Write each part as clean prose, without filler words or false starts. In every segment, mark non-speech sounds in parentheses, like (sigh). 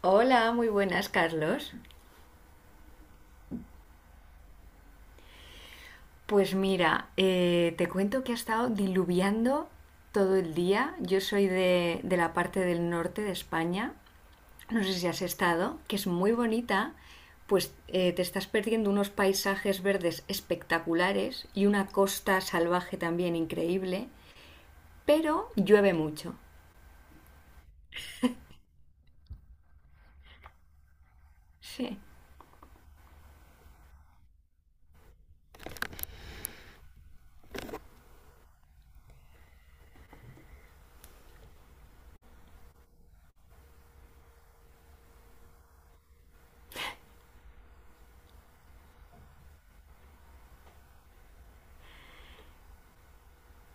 Hola, muy buenas, Carlos. Pues mira, te cuento que ha estado diluviando todo el día. Yo soy de la parte del norte de España, no sé si has estado, que es muy bonita, pues te estás perdiendo unos paisajes verdes espectaculares y una costa salvaje también increíble, pero llueve mucho. Sí,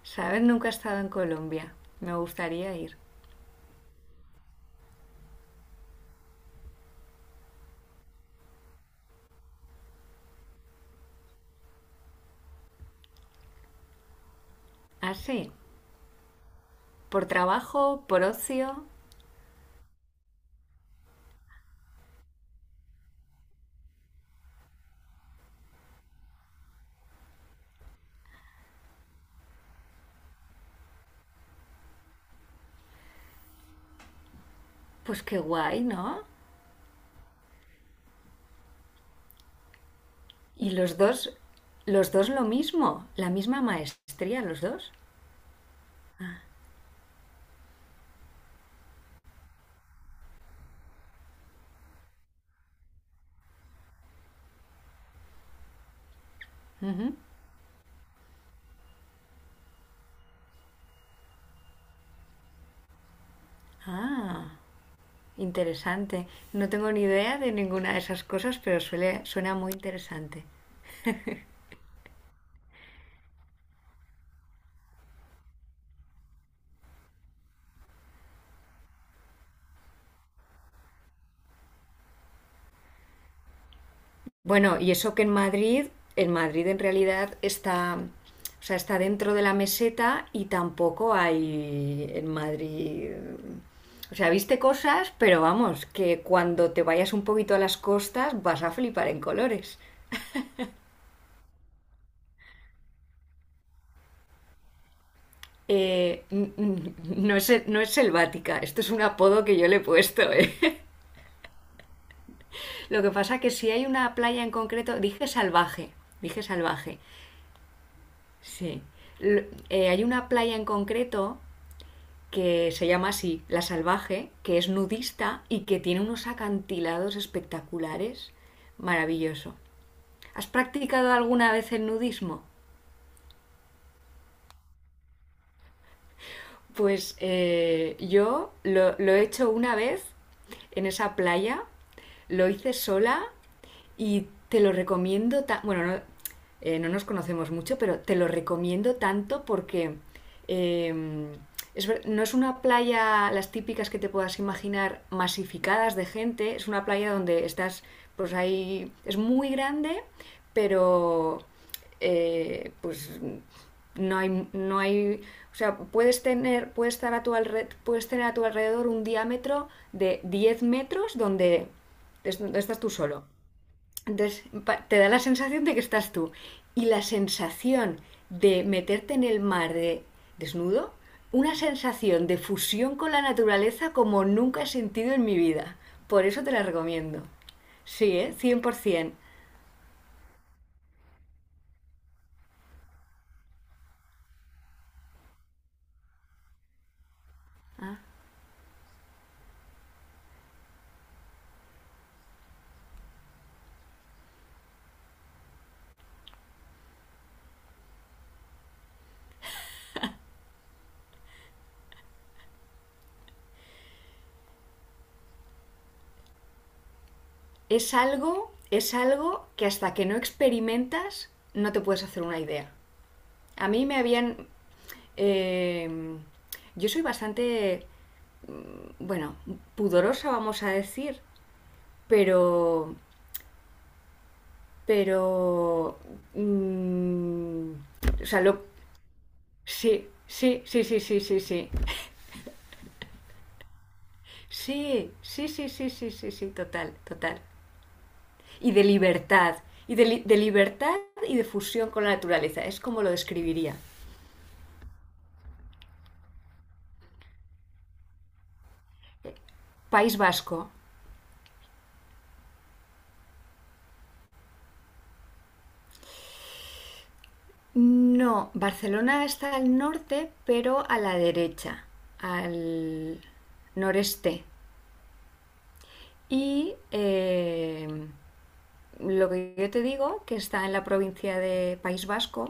sabes, nunca he estado en Colombia. Me gustaría ir. Ah, sí, por trabajo, por ocio. Pues qué guay, ¿no? Y los dos lo mismo, la misma maestría, los dos. Ujú. Ah, interesante. No tengo ni idea de ninguna de esas cosas, pero suena muy interesante. Bueno, y eso que en Madrid, en Madrid en realidad está, o sea, está dentro de la meseta y tampoco hay en Madrid. O sea, viste cosas, pero vamos, que cuando te vayas un poquito a las costas vas a flipar en colores. No, es, no es selvática, esto es un apodo que yo le he puesto, ¿eh? (laughs) Lo que pasa que si hay una playa en concreto, dije salvaje, sí. Hay una playa en concreto que se llama así, La Salvaje, que es nudista y que tiene unos acantilados espectaculares, maravilloso. ¿Has practicado alguna vez el nudismo? Pues yo lo he hecho una vez en esa playa, lo hice sola y te lo recomiendo. Bueno, no, no nos conocemos mucho, pero te lo recomiendo tanto porque eh, es no es una playa, las típicas que te puedas imaginar, masificadas de gente, es una playa donde estás, pues ahí, es muy grande, pero eh, pues no hay, no hay, o sea, puedes tener, puedes tener a tu alrededor un diámetro de 10 metros donde estás tú solo. Entonces te da la sensación de que estás tú. Y la sensación de meterte en el mar de desnudo, una sensación de fusión con la naturaleza como nunca he sentido en mi vida. Por eso te la recomiendo. Sí, ¿eh? 100%. Es algo que hasta que no experimentas no te puedes hacer una idea. A mí me habían... eh, yo soy bastante, bueno, pudorosa, vamos a decir, pero pero... mm, o sea, lo... Sí, sí, sí, sí, sí, sí, sí. Sí, sí, sí, sí, sí, sí, sí, sí, total, total. Y de libertad, de libertad y de fusión con la naturaleza, es como lo describiría. País Vasco. No, Barcelona está al norte, pero a la derecha, al noreste. Y lo que yo te digo, que está en la provincia de País Vasco.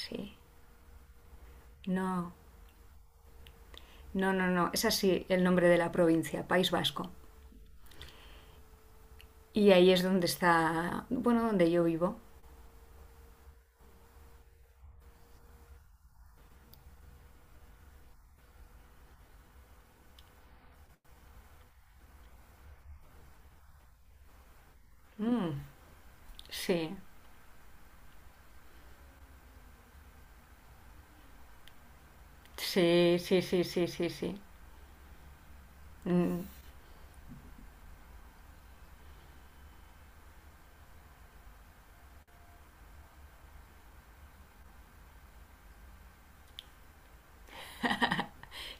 Sí. No, no, no, no. Es así el nombre de la provincia, País Vasco. Y ahí es donde está, bueno, donde yo vivo. Mm, sí, sí, sí, sí, sí, sí, sí. Mm.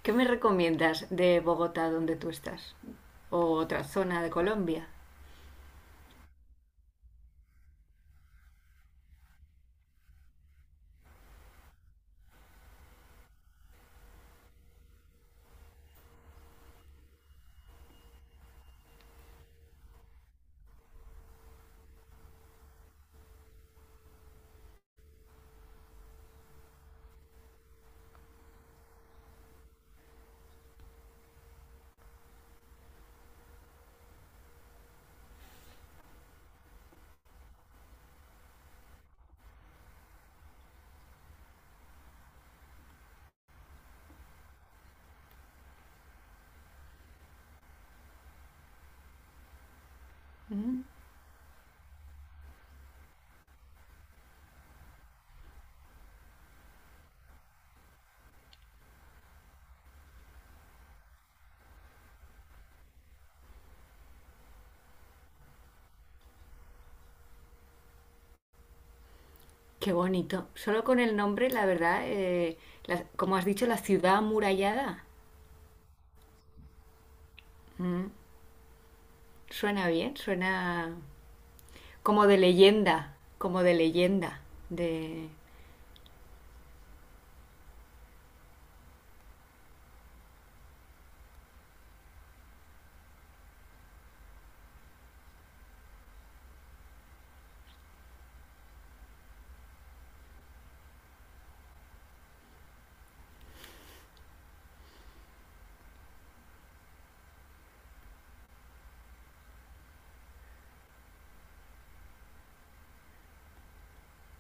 ¿Qué me recomiendas de Bogotá, donde tú estás? ¿O otra zona de Colombia? Mm. Qué bonito. Solo con el nombre, la verdad, como has dicho, la ciudad amurallada. Mm. Suena bien, suena como de leyenda, de...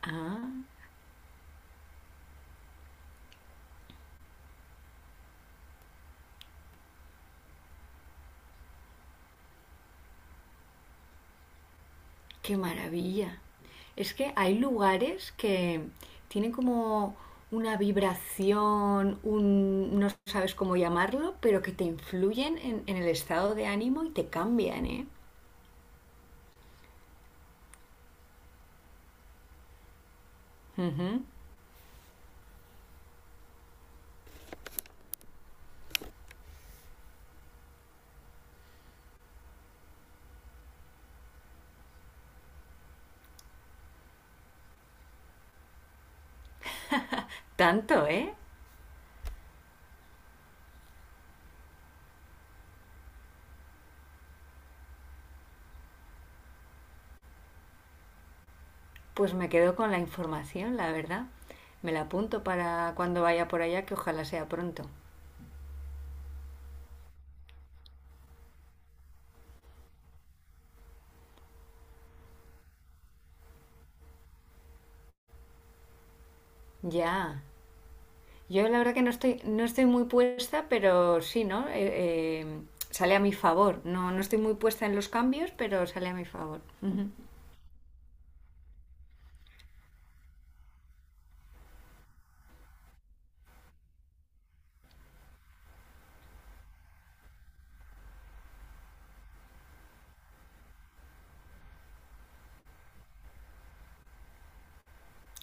Ah, qué maravilla. Es que hay lugares que tienen como una vibración, un, no sabes cómo llamarlo, pero que te influyen en el estado de ánimo y te cambian, ¿eh? Ujú. Tanto, ¿eh? Pues me quedo con la información, la verdad. Me la apunto para cuando vaya por allá, que ojalá sea pronto. Ya. Yo la verdad que no estoy muy puesta, pero sí, ¿no? Sale a mi favor. No, no estoy muy puesta en los cambios, pero sale a mi favor. Ujú.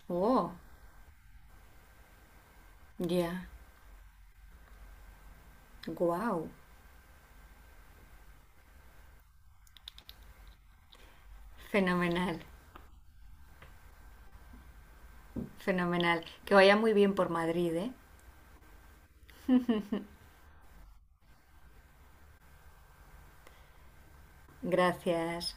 Wow, ya, wow. Fenomenal, fenomenal. Que vaya muy bien por Madrid, ¿eh? Gracias.